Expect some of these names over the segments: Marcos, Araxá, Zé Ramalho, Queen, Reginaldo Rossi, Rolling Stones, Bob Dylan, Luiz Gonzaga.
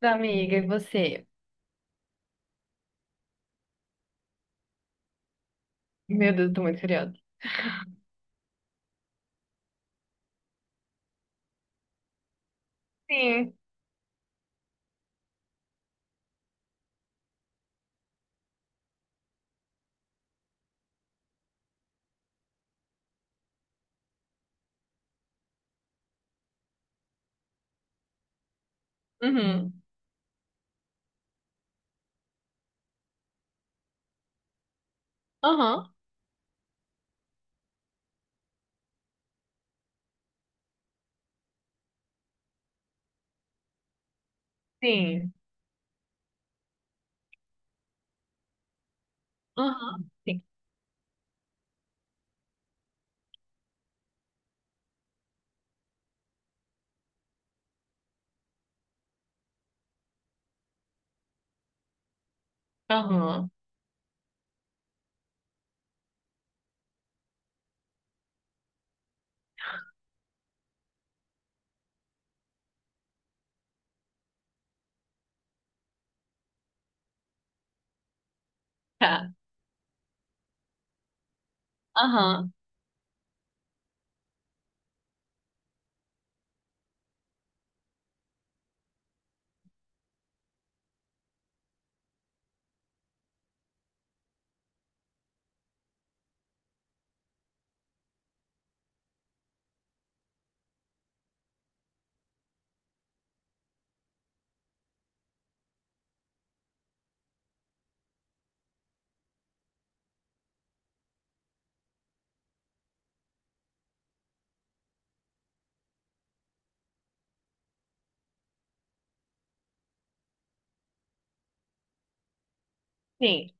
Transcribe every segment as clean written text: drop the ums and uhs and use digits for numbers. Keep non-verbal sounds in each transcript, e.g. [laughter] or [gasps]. Da amiga, e você? Meu Deus, eu tô muito curiosa. Sim. Uhum. Aham. Sim. Aham. Sim. Aham. Tá. Aham. Sim.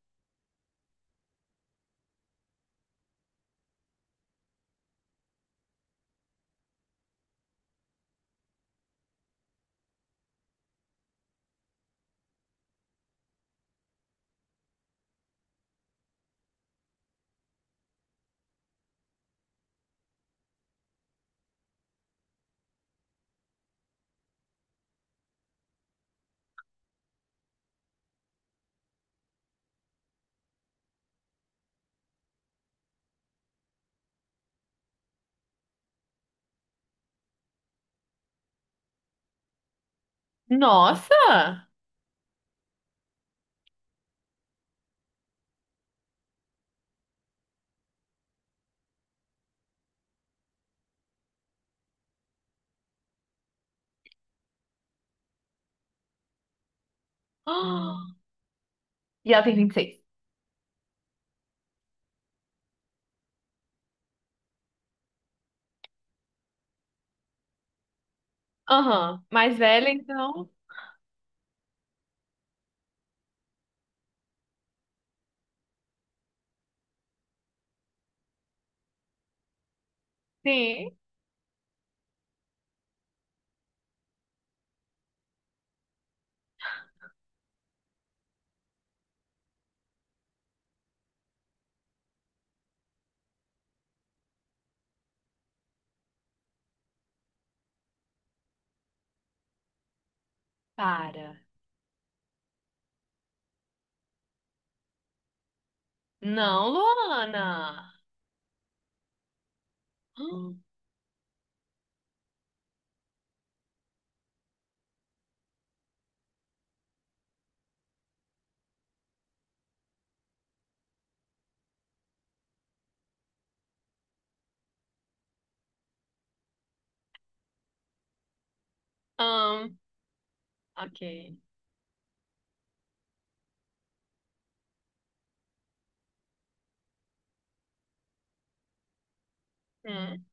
Nossa! [gasps] Ah! E ela tem vinte e seis. Aham. Mais velha, então? Sim. Para. Não, Luana! [gasps] Ah, ok. Hum.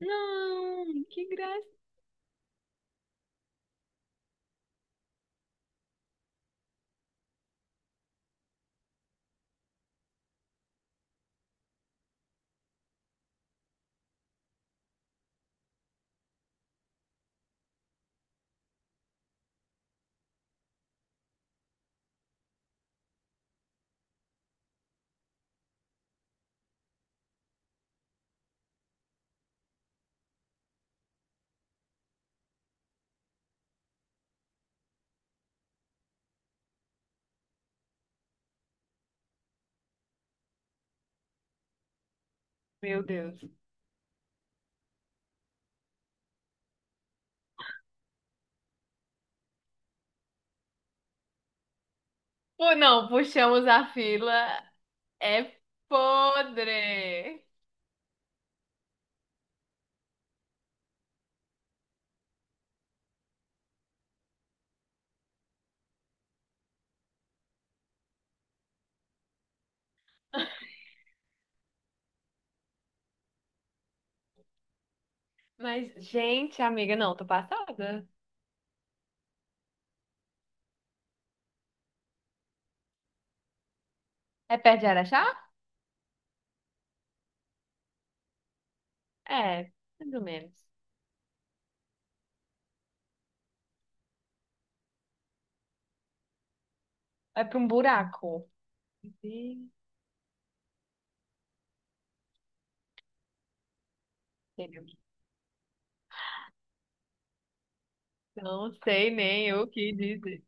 Não, que graça. Meu Deus. Pô, não, puxamos a fila. É podre. [laughs] Mas, gente, amiga, não, tô passada. É perto de Araxá? É, mais ou menos. É pra um buraco. Gente. Não sei nem o que dizer.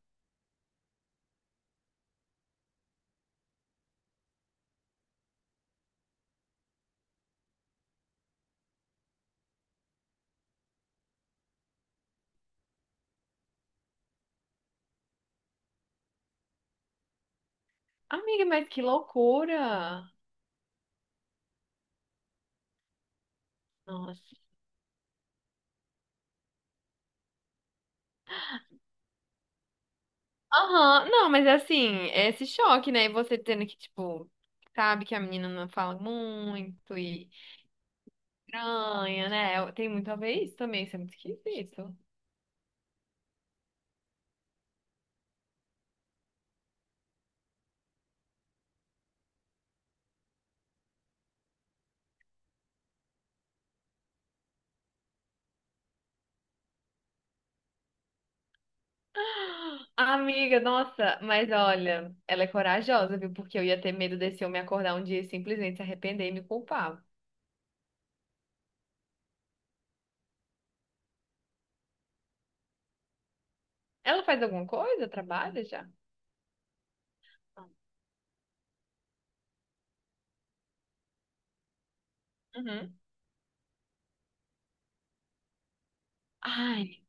Amiga, mas que loucura! Nossa. Aham, não, mas é assim, é esse choque, né? E você tendo que, tipo, sabe que a menina não fala muito e estranha, né? Tem muito a ver isso também, isso é muito esquisito. Amiga, nossa, mas olha, ela é corajosa, viu? Porque eu ia ter medo desse homem acordar um dia e simplesmente se arrepender e me culpar. Ela faz alguma coisa? Trabalha já? Uhum. Ai,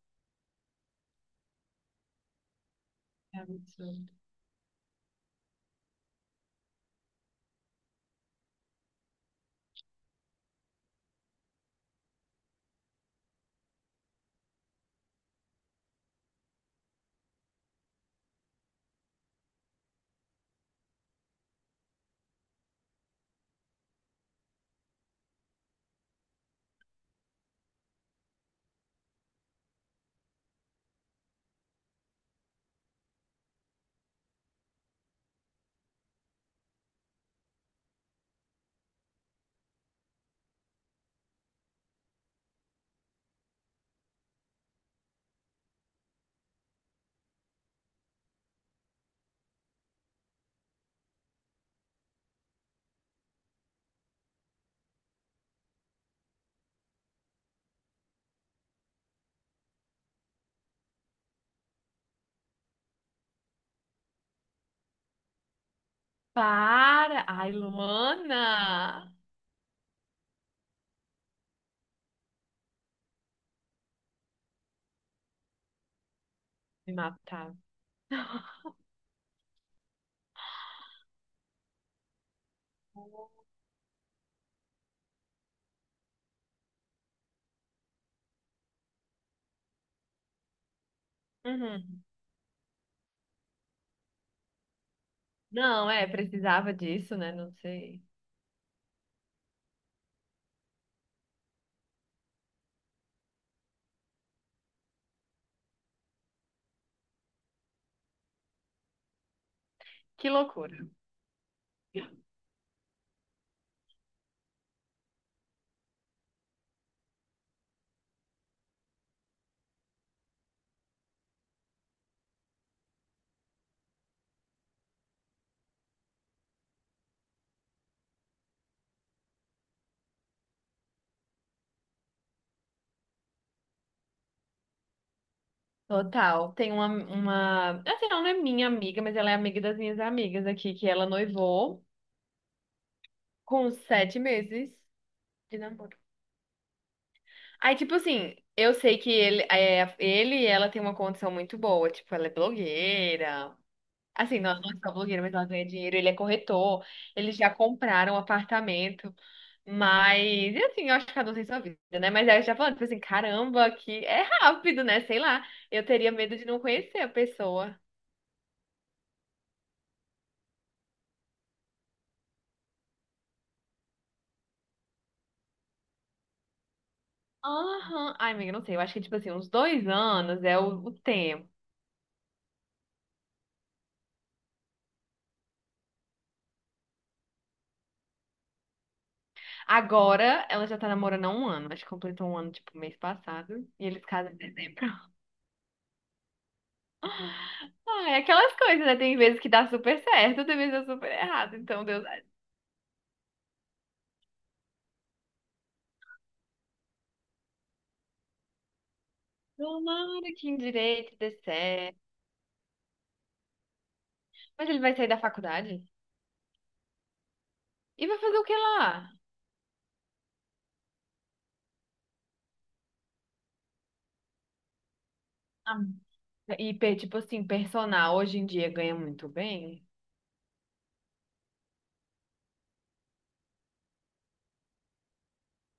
que absurdo. Para! Ai, Luana! Me matava. [laughs] Uhum. Não, é, precisava disso, né? Não sei. Que loucura. Total. Tem uma, uma. Assim, ela não é minha amiga, mas ela é amiga das minhas amigas aqui, que ela noivou. Com sete meses de namoro. Aí, tipo assim, eu sei que ele, é, ele e ela tem uma condição muito boa. Tipo, ela é blogueira. Assim, não, não é só blogueira, mas ela ganha dinheiro. Ele é corretor. Eles já compraram um apartamento. Mas, e assim, eu acho que cada um tem sua vida, né? Mas aí eu já falando, tipo assim, caramba, que é rápido, né? Sei lá. Eu teria medo de não conhecer a pessoa. Aham. Ai, amiga, não sei. Eu acho que, tipo assim, uns dois anos é o tempo. Agora ela já tá namorando há um ano. Acho que completou um ano, tipo, mês passado. E eles casam em dezembro. [laughs] Ah, é aquelas coisas, né? Tem vezes que dá super certo, tem vezes que dá super errado. Então, Deus, tomara que em direito dê certo. Mas ele vai sair da faculdade? E vai fazer o que lá? Ah. E, tipo assim, personal hoje em dia ganha muito bem,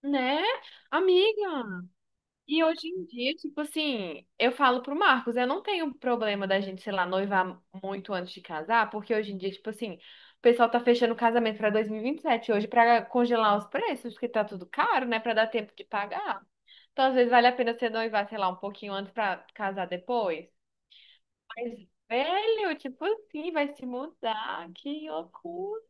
né? Amiga. E hoje em dia, tipo assim, eu falo pro Marcos, eu não tenho problema da gente, sei lá, noivar muito antes de casar, porque hoje em dia, tipo assim, o pessoal tá fechando o casamento pra 2027 hoje pra congelar os preços, porque tá tudo caro, né, pra dar tempo de pagar. Então, às vezes vale a pena você noivar, sei lá, um pouquinho antes pra casar depois. Mas, velho, tipo assim, vai se mudar, que loucura.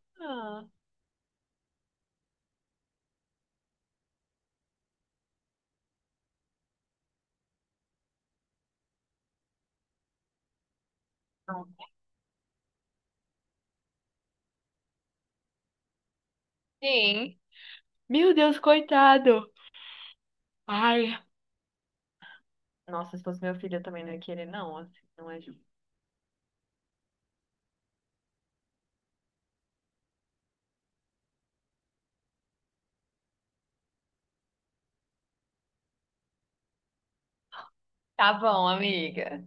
Sim. Meu Deus, coitado. Ai. Nossa, se fosse meu filho, eu também não ia querer, não. Assim, não é justo. Tá bom, amiga.